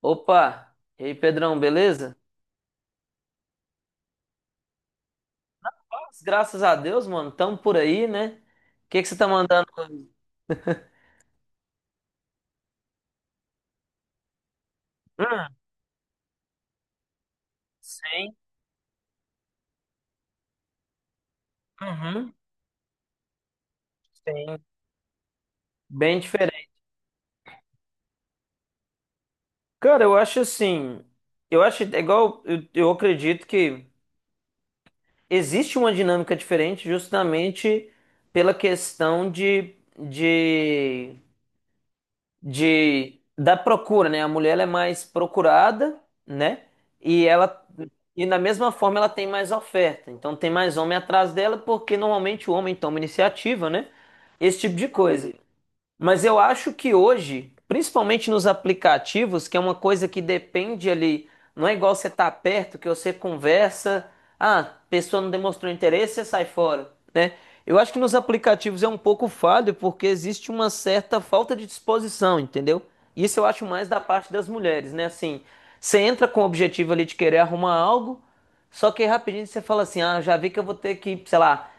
Opa! E aí, Pedrão, beleza? Paz, Graças a Deus, mano, tamo por aí, né? O que que você tá mandando hoje? Hum, sim. Uhum, sim. Bem diferente. Cara, eu acho assim, eu acho é igual, eu acredito que existe uma dinâmica diferente justamente pela questão de da procura, né? A mulher ela é mais procurada, né? E ela e da mesma forma ela tem mais oferta. Então tem mais homem atrás dela porque normalmente o homem toma iniciativa, né? Esse tipo de coisa. Mas eu acho que hoje, principalmente nos aplicativos, que é uma coisa que depende ali, não é igual você tá perto, que você conversa, a pessoa não demonstrou interesse, você sai fora, né? Eu acho que nos aplicativos é um pouco falho, porque existe uma certa falta de disposição, entendeu? Isso eu acho mais da parte das mulheres, né? Assim, você entra com o objetivo ali de querer arrumar algo, só que aí rapidinho você fala assim: ah, já vi que eu vou ter que, sei lá,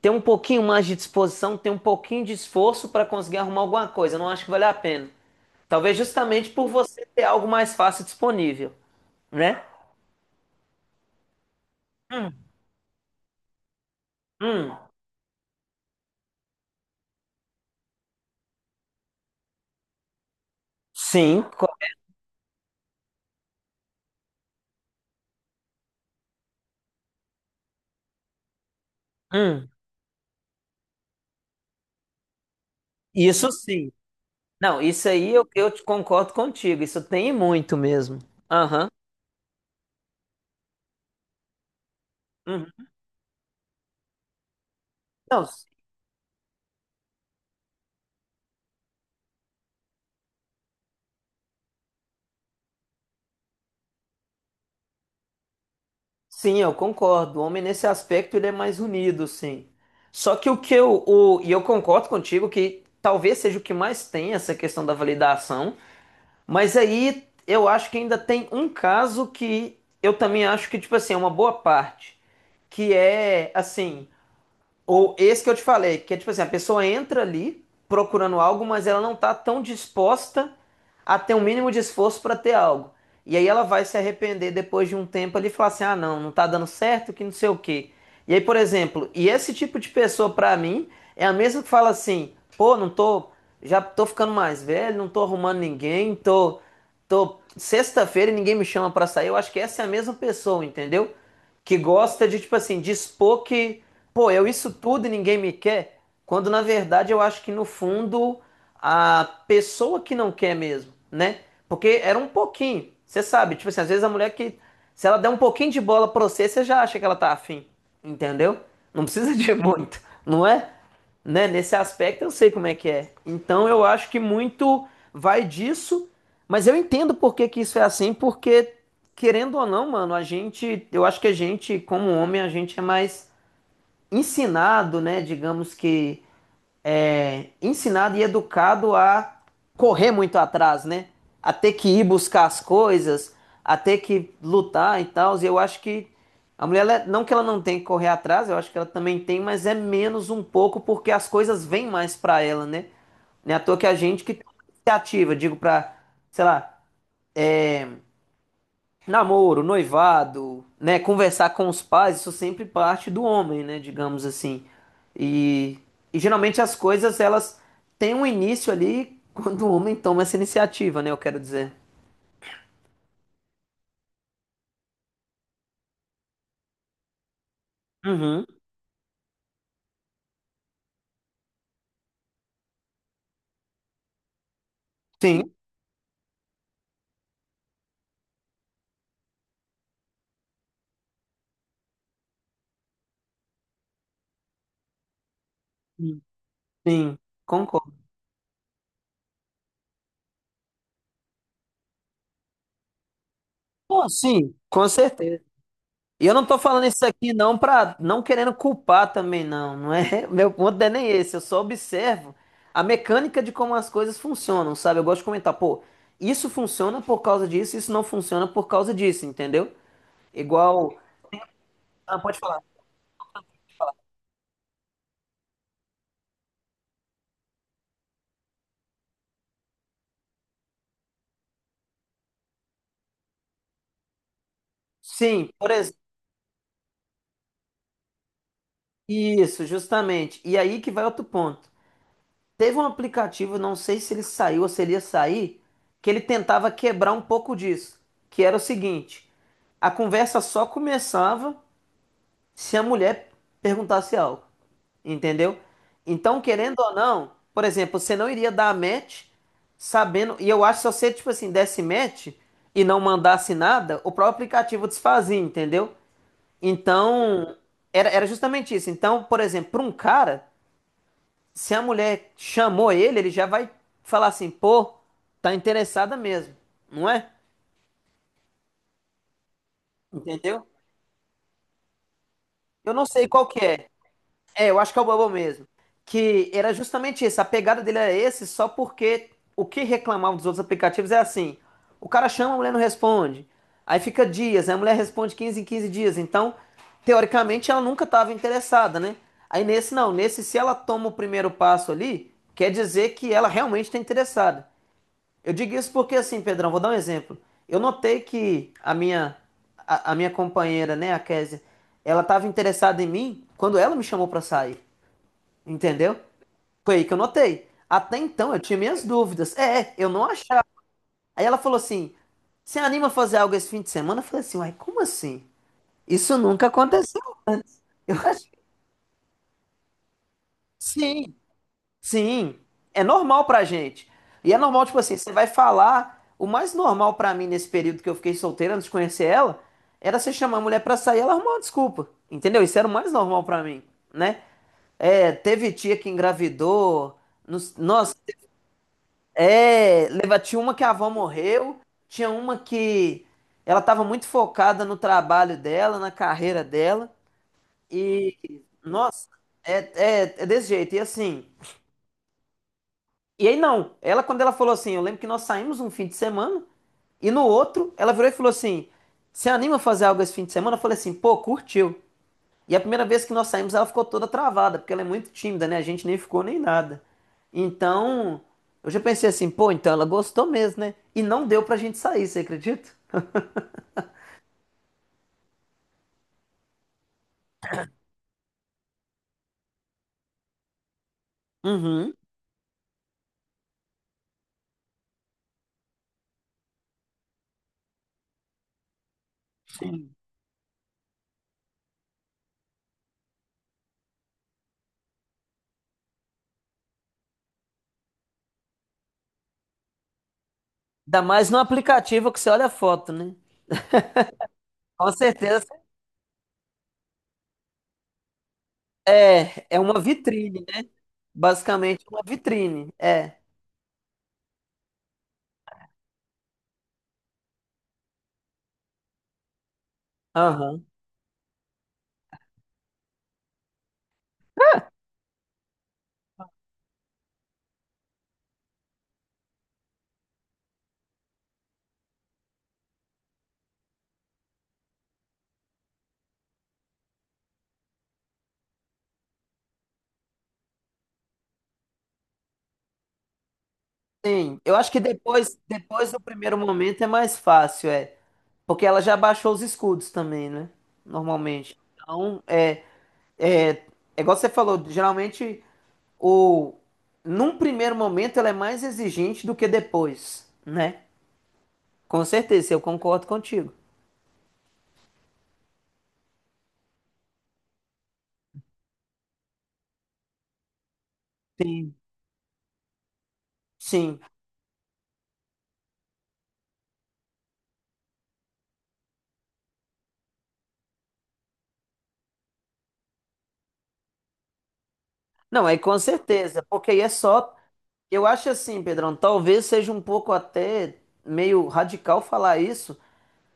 ter um pouquinho mais de disposição, ter um pouquinho de esforço para conseguir arrumar alguma coisa. Não acho que vale a pena. Talvez justamente por você ter algo mais fácil disponível, né? Hum, sim. Hum, isso sim. Não, isso aí eu te concordo contigo. Isso tem muito mesmo. Aham. Uhum. Não, sim, eu concordo. O homem nesse aspecto ele é mais unido, sim. Só que o que eu, o, e eu concordo contigo que talvez seja o que mais tem essa questão da validação, mas aí eu acho que ainda tem um caso que eu também acho que, tipo assim, é uma boa parte, que é assim. Ou esse que eu te falei, que é tipo assim, a pessoa entra ali procurando algo, mas ela não tá tão disposta a ter um mínimo de esforço para ter algo. E aí ela vai se arrepender depois de um tempo ali e falar assim: "Ah, não, não tá dando certo, que não sei o quê". E aí, por exemplo, e esse tipo de pessoa para mim é a mesma que fala assim: "Pô, não tô, já tô ficando mais velho, não tô arrumando ninguém, tô tô sexta-feira e ninguém me chama para sair". Eu acho que essa é a mesma pessoa, entendeu? Que gosta de tipo assim, dispor que Pô, eu isso tudo e ninguém me quer, quando na verdade eu acho que no fundo a pessoa que não quer mesmo, né? Porque era um pouquinho, você sabe, tipo assim, às vezes a mulher que, se ela der um pouquinho de bola pra você, você já acha que ela tá afim, entendeu? Não precisa de muito, não é? Né? Nesse aspecto eu sei como é que é. Então eu acho que muito vai disso, mas eu entendo por que que isso é assim, porque querendo ou não, mano, a gente, eu acho que a gente, como homem, a gente é mais ensinado, né, digamos que é, ensinado e educado a correr muito atrás, né? A ter que ir buscar as coisas, a ter que lutar e tal. E eu acho que a mulher, não que ela não tenha que correr atrás, eu acho que ela também tem, mas é menos um pouco porque as coisas vêm mais pra ela, né? Não é à toa que a gente que toma iniciativa, digo pra, sei lá, namoro, noivado, né? Conversar com os pais, isso sempre parte do homem, né? Digamos assim. E, e geralmente as coisas elas têm um início ali quando o homem toma essa iniciativa, né? Eu quero dizer. Uhum. Sim, sim, concordo. Pô, sim, com certeza. E eu não tô falando isso aqui não para não querendo culpar também não, não é? Meu ponto não é nem esse, eu só observo a mecânica de como as coisas funcionam, sabe? Eu gosto de comentar, pô, isso funciona por causa disso, isso não funciona por causa disso, entendeu? Igual, ah, pode falar. Sim, por exemplo, isso, justamente. E aí que vai outro ponto. Teve um aplicativo, não sei se ele saiu ou se ele ia sair, que ele tentava quebrar um pouco disso, que era o seguinte, a conversa só começava se a mulher perguntasse algo, entendeu? Então, querendo ou não, por exemplo, você não iria dar match sabendo, e eu acho que se você, tipo assim, desse match e não mandasse nada, o próprio aplicativo desfazia, entendeu? Então, era justamente isso. Então, por exemplo, para um cara, se a mulher chamou ele, ele já vai falar assim, pô, tá interessada mesmo, não é? Entendeu? Eu não sei qual que é. É, eu acho que é o Bubble mesmo. Que era justamente isso. A pegada dele era esse, só porque o que reclamavam dos outros aplicativos é assim: o cara chama, a mulher não responde. Aí fica dias, aí a mulher responde 15 em 15 dias. Então, teoricamente, ela nunca estava interessada, né? Aí nesse não, nesse se ela toma o primeiro passo ali, quer dizer que ela realmente está interessada. Eu digo isso porque assim, Pedrão, vou dar um exemplo. Eu notei que a minha companheira, né, a Kézia, ela estava interessada em mim quando ela me chamou para sair. Entendeu? Foi aí que eu notei. Até então eu tinha minhas dúvidas. É, eu não achava. Aí ela falou assim: Você anima a fazer algo esse fim de semana? Eu falei assim: Uai, como assim? Isso nunca aconteceu. Eu acho que sim, sim. É normal pra gente. E é normal, tipo assim, você vai falar. O mais normal pra mim nesse período que eu fiquei solteira antes de conhecer ela era você chamar a mulher pra sair e ela arrumar uma desculpa. Entendeu? Isso era o mais normal pra mim, né? É, teve tia que engravidou. Nossa, é, tinha uma que a avó morreu, tinha uma que ela estava muito focada no trabalho dela, na carreira dela, e nossa, é, é, é desse jeito. E assim, e aí não, ela quando ela falou assim, eu lembro que nós saímos um fim de semana, e no outro ela virou e falou assim: Você anima a fazer algo esse fim de semana? Eu falei assim, pô, curtiu. E a primeira vez que nós saímos, ela ficou toda travada, porque ela é muito tímida, né? A gente nem ficou nem nada. Então, eu já pensei assim, pô, então ela gostou mesmo, né? E não deu pra gente sair, você acredita? Uhum. Ainda mais no aplicativo que você olha a foto, né? Com certeza é, é uma vitrine, né? Basicamente uma vitrine, é. Aham. Sim, eu acho que depois, depois do primeiro momento é mais fácil, é. Porque ela já baixou os escudos também, né? Normalmente. Então, é. É, é igual você falou, geralmente o num primeiro momento ela é mais exigente do que depois, né? Com certeza, eu concordo contigo. Sim. Sim. Não, é com certeza, porque aí é só. Eu acho assim, Pedrão, talvez seja um pouco até meio radical falar isso,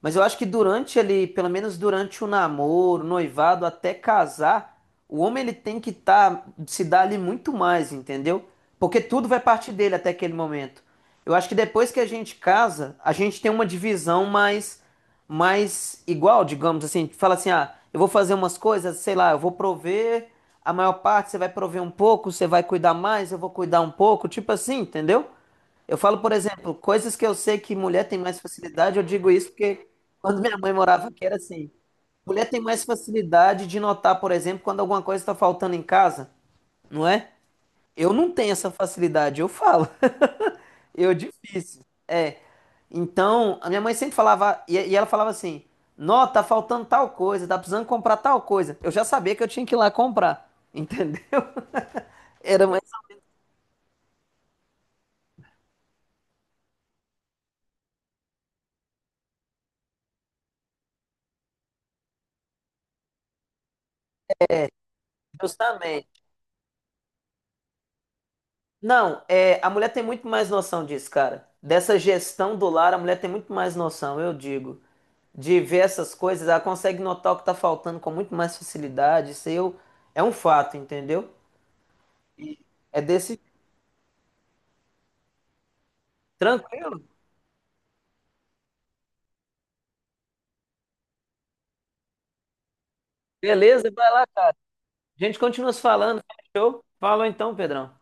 mas eu acho que durante ali, pelo menos durante o namoro, o noivado, até casar, o homem ele tem que tá, se dar ali muito mais, entendeu? Porque tudo vai partir dele até aquele momento. Eu acho que depois que a gente casa, a gente tem uma divisão mais, mais igual, digamos assim. Fala assim, ah, eu vou fazer umas coisas, sei lá, eu vou prover a maior parte, você vai prover um pouco, você vai cuidar mais, eu vou cuidar um pouco, tipo assim, entendeu? Eu falo, por exemplo, coisas que eu sei que mulher tem mais facilidade, eu digo isso porque quando minha mãe morava aqui era assim. Mulher tem mais facilidade de notar, por exemplo, quando alguma coisa está faltando em casa, não é? Eu não tenho essa facilidade, eu falo. Eu difícil. É. Então, a minha mãe sempre falava, e ela falava assim: Nó, tá faltando tal coisa, tá precisando comprar tal coisa. Eu já sabia que eu tinha que ir lá comprar, entendeu? Era mais justamente. Não, é, a mulher tem muito mais noção disso, cara. Dessa gestão do lar, a mulher tem muito mais noção, eu digo. De ver essas coisas, ela consegue notar o que tá faltando com muito mais facilidade. Isso aí é um fato, entendeu? E é desse. Tranquilo? Beleza, vai lá. A gente continua se falando. Fechou? Falou então, Pedrão.